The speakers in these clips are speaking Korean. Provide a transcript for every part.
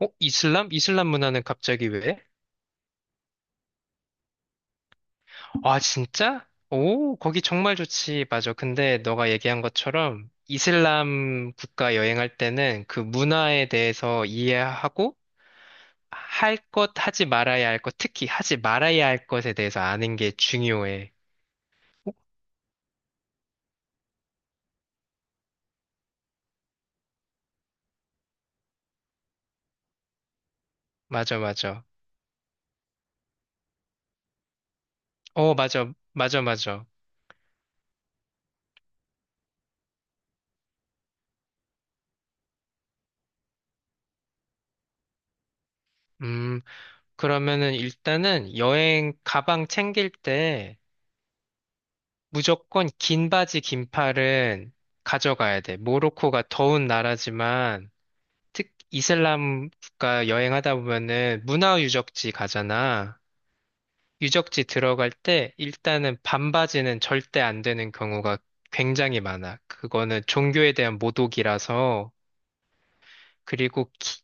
어? 이슬람? 이슬람 문화는 갑자기 왜? 아, 진짜? 오, 거기 정말 좋지. 맞아. 근데 너가 얘기한 것처럼 이슬람 국가 여행할 때는 그 문화에 대해서 이해하고 할 것, 하지 말아야 할 것, 특히 하지 말아야 할 것에 대해서 아는 게 중요해. 어? 맞아, 맞아. 어, 맞아. 맞아, 맞아. 음, 그러면은 일단은 여행 가방 챙길 때 무조건 긴 바지, 긴팔은 가져가야 돼. 모로코가 더운 나라지만, 이슬람 국가 여행하다 보면은 문화 유적지 가잖아. 유적지 들어갈 때 일단은 반바지는 절대 안 되는 경우가 굉장히 많아. 그거는 종교에 대한 모독이라서. 그리고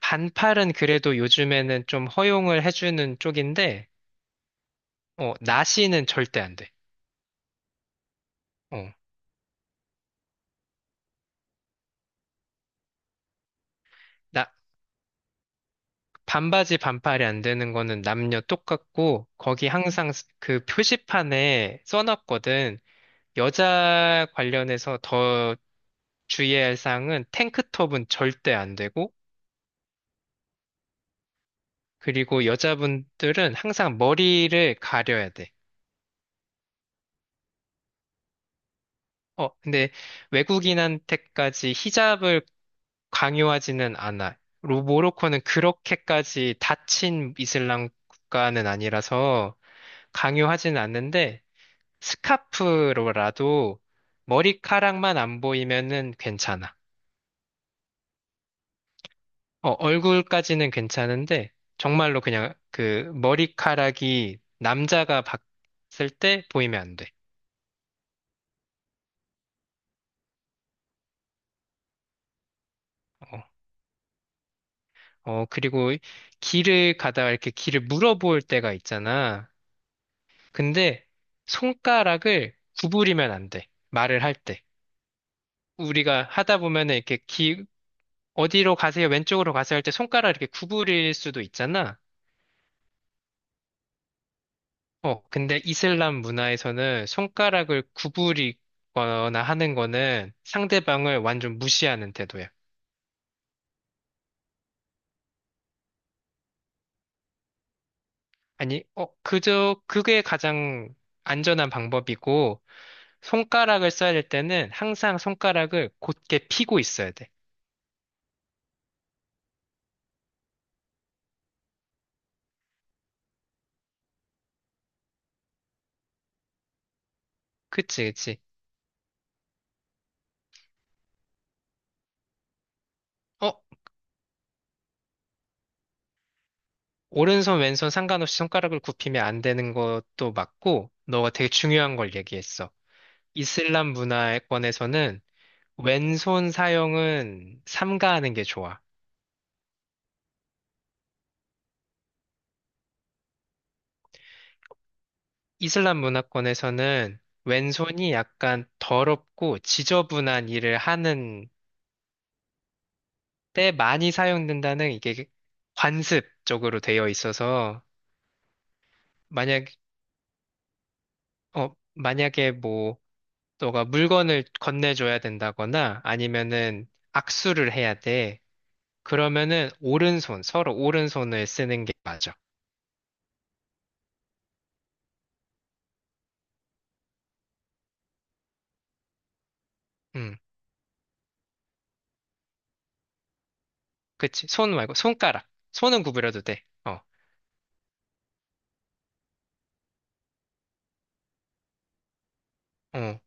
반팔은 그래도 요즘에는 좀 허용을 해주는 쪽인데, 어, 나시는 절대 안 돼. 어. 나, 반바지 반팔이 안 되는 거는 남녀 똑같고 거기 항상 그 표지판에 써놨거든. 여자 관련해서 더 주의해야 할 사항은 탱크톱은 절대 안 되고 그리고 여자분들은 항상 머리를 가려야 돼. 어, 근데 외국인한테까지 히잡을 강요하지는 않아. 모로코는 그렇게까지 닫힌 이슬람 국가는 아니라서 강요하지는 않는데 스카프로라도 머리카락만 안 보이면은 괜찮아. 어, 얼굴까지는 괜찮은데 정말로 그냥 그 머리카락이 남자가 봤을 때 보이면 안 돼. 어. 어, 그리고 길을 가다가 이렇게 길을 물어볼 때가 있잖아. 근데 손가락을 구부리면 안 돼. 말을 할 때. 우리가 하다 보면은 어디로 가세요? 왼쪽으로 가세요? 할 때 손가락 이렇게 구부릴 수도 있잖아. 어, 근데 이슬람 문화에서는 손가락을 구부리거나 하는 거는 상대방을 완전 무시하는 태도야. 아니, 어, 그게 가장 안전한 방법이고, 손가락을 써야 될 때는 항상 손가락을 곧게 펴고 있어야 돼. 그치, 그치. 어, 오른손, 왼손 상관없이 손가락을 굽히면 안 되는 것도 맞고, 너가 되게 중요한 걸 얘기했어. 이슬람 문화권에서는 왼손 사용은 삼가하는 게 좋아. 이슬람 문화권에서는 왼손이 약간 더럽고 지저분한 일을 하는 때 많이 사용된다는 이게 관습 쪽으로 되어 있어서 만약 만약에 뭐 너가 물건을 건네줘야 된다거나 아니면은 악수를 해야 돼. 그러면은 오른손 서로 오른손을 쓰는 게 맞아. 음, 그치. 손 말고 손가락. 손은 구부려도 돼. 어, 어.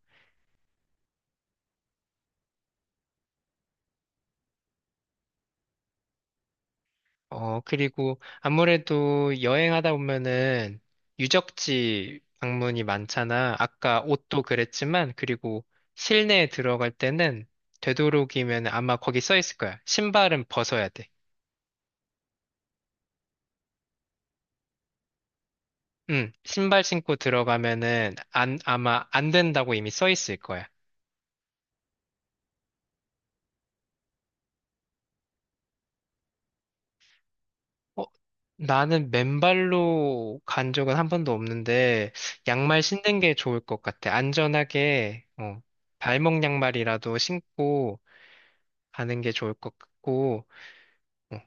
어, 그리고 아무래도 여행하다 보면은 유적지 방문이 많잖아. 아까 옷도 그랬지만, 그리고 실내에 들어갈 때는 되도록이면 아마 거기 써 있을 거야. 신발은 벗어야 돼. 응, 신발 신고 들어가면은 안, 아마 안 된다고 이미 써 있을 거야. 어, 나는 맨발로 간 적은 한 번도 없는데, 양말 신는 게 좋을 것 같아. 안전하게, 어, 발목 양말이라도 신고, 가는 게 좋을 것 같고, 어,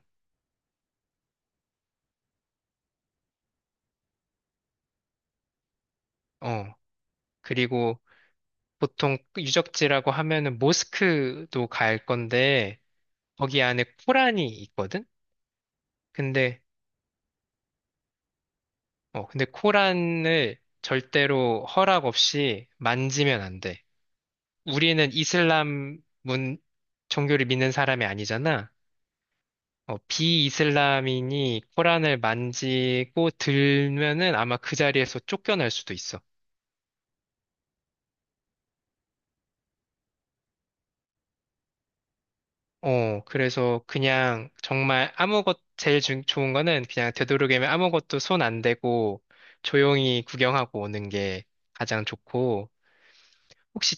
어. 그리고 보통 유적지라고 하면은 모스크도 갈 건데, 거기 안에 코란이 있거든? 근데, 근데 코란을 절대로 허락 없이 만지면 안 돼. 우리는 종교를 믿는 사람이 아니잖아. 어, 비이슬람인이 코란을 만지고 들면은 아마 그 자리에서 쫓겨날 수도 있어. 어, 그래서 그냥 정말 제일 좋은 거는 그냥 되도록이면 아무것도 손 안 대고 조용히 구경하고 오는 게 가장 좋고, 혹시,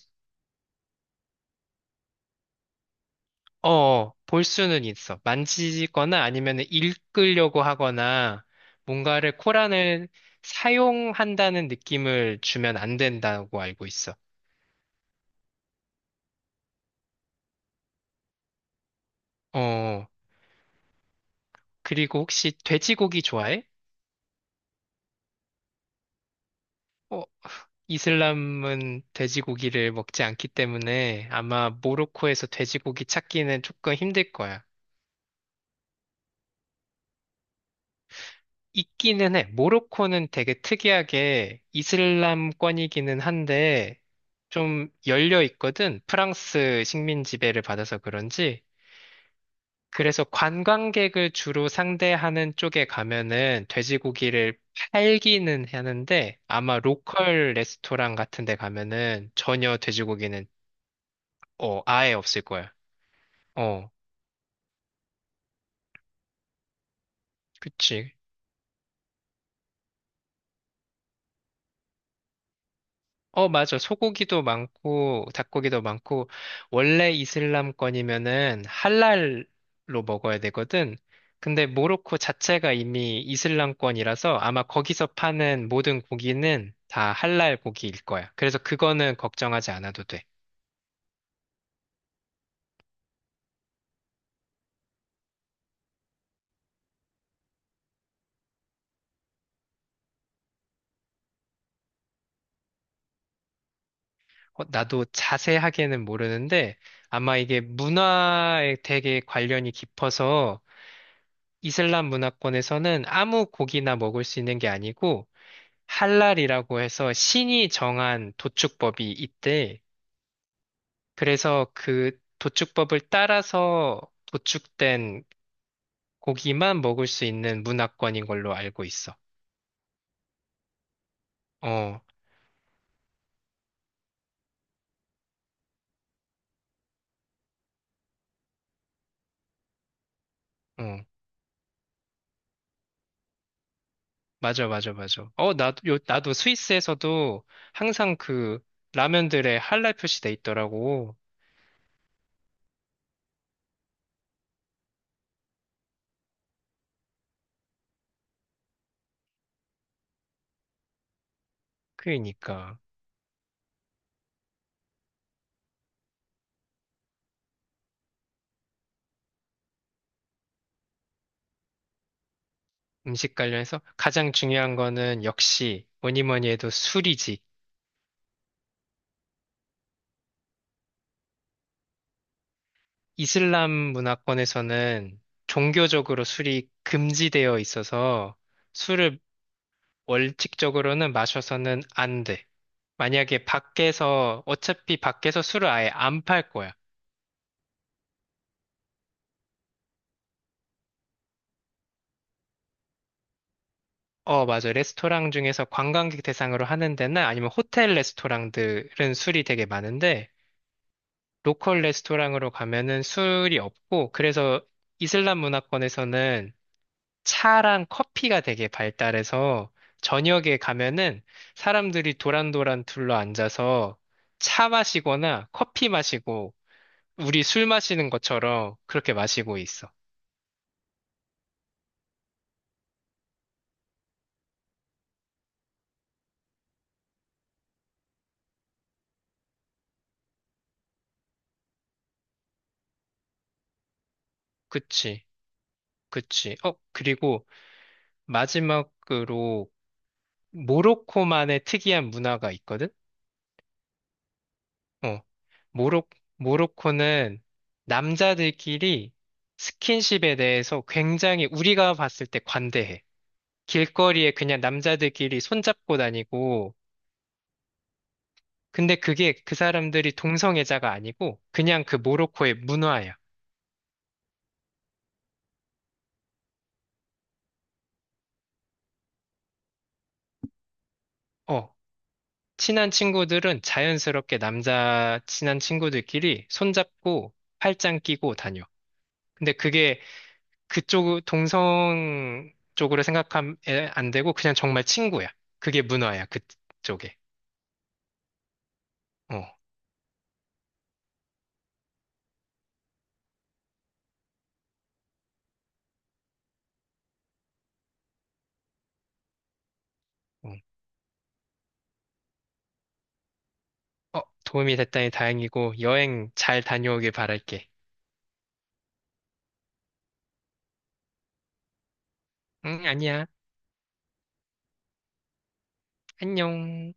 어, 볼 수는 있어. 만지거나 아니면 읽으려고 하거나 뭔가를 코란을 사용한다는 느낌을 주면 안 된다고 알고 있어. 어, 그리고 혹시 돼지고기 좋아해? 어, 이슬람은 돼지고기를 먹지 않기 때문에 아마 모로코에서 돼지고기 찾기는 조금 힘들 거야. 있기는 해. 모로코는 되게 특이하게 이슬람권이기는 한데 좀 열려 있거든. 프랑스 식민 지배를 받아서 그런지. 그래서 관광객을 주로 상대하는 쪽에 가면은 돼지고기를 팔기는 하는데 아마 로컬 레스토랑 같은 데 가면은 전혀 돼지고기는 어, 아예 없을 거야. 어. 그치. 어, 맞아. 소고기도 많고, 닭고기도 많고, 원래 이슬람권이면은 할랄로 먹어야 되거든. 근데 모로코 자체가 이미 이슬람권이라서 아마 거기서 파는 모든 고기는 다 할랄 고기일 거야. 그래서 그거는 걱정하지 않아도 돼. 어, 나도 자세하게는 모르는데 아마 이게 문화에 되게 관련이 깊어서 이슬람 문화권에서는 아무 고기나 먹을 수 있는 게 아니고 할랄이라고 해서 신이 정한 도축법이 있대. 그래서 그 도축법을 따라서 도축된 고기만 먹을 수 있는 문화권인 걸로 알고 있어. 어, 어, 맞아, 맞아, 맞아. 어, 나도 스위스에서도 항상 그 라면들에 할랄 표시돼 있더라고. 그러니까 음식 관련해서 가장 중요한 거는 역시 뭐니 뭐니 해도 술이지. 이슬람 문화권에서는 종교적으로 술이 금지되어 있어서 술을 원칙적으로는 마셔서는 안 돼. 만약에 밖에서, 어차피 밖에서 술을 아예 안 팔 거야. 어, 맞아. 레스토랑 중에서 관광객 대상으로 하는 데나 아니면 호텔 레스토랑들은 술이 되게 많은데, 로컬 레스토랑으로 가면은 술이 없고, 그래서 이슬람 문화권에서는 차랑 커피가 되게 발달해서 저녁에 가면은 사람들이 도란도란 둘러 앉아서 차 마시거나 커피 마시고 우리 술 마시는 것처럼 그렇게 마시고 있어. 그치, 그치. 어, 그리고 마지막으로 모로코만의 특이한 문화가 있거든? 어, 모로, 모로코는 남자들끼리 스킨십에 대해서 굉장히 우리가 봤을 때 관대해. 길거리에 그냥 남자들끼리 손잡고 다니고, 근데 그게 그 사람들이 동성애자가 아니고, 그냥 그 모로코의 문화야. 어, 친한 친구들은 자연스럽게 남자 친한 친구들끼리 손잡고 팔짱 끼고 다녀. 근데 그게 그쪽 동성 쪽으로 생각하면 안 되고, 그냥 정말 친구야. 그게 문화야, 그쪽에. 어, 어, 어, 도움이 됐다니 다행이고, 여행 잘 다녀오길 바랄게. 응, 아니야. 안녕.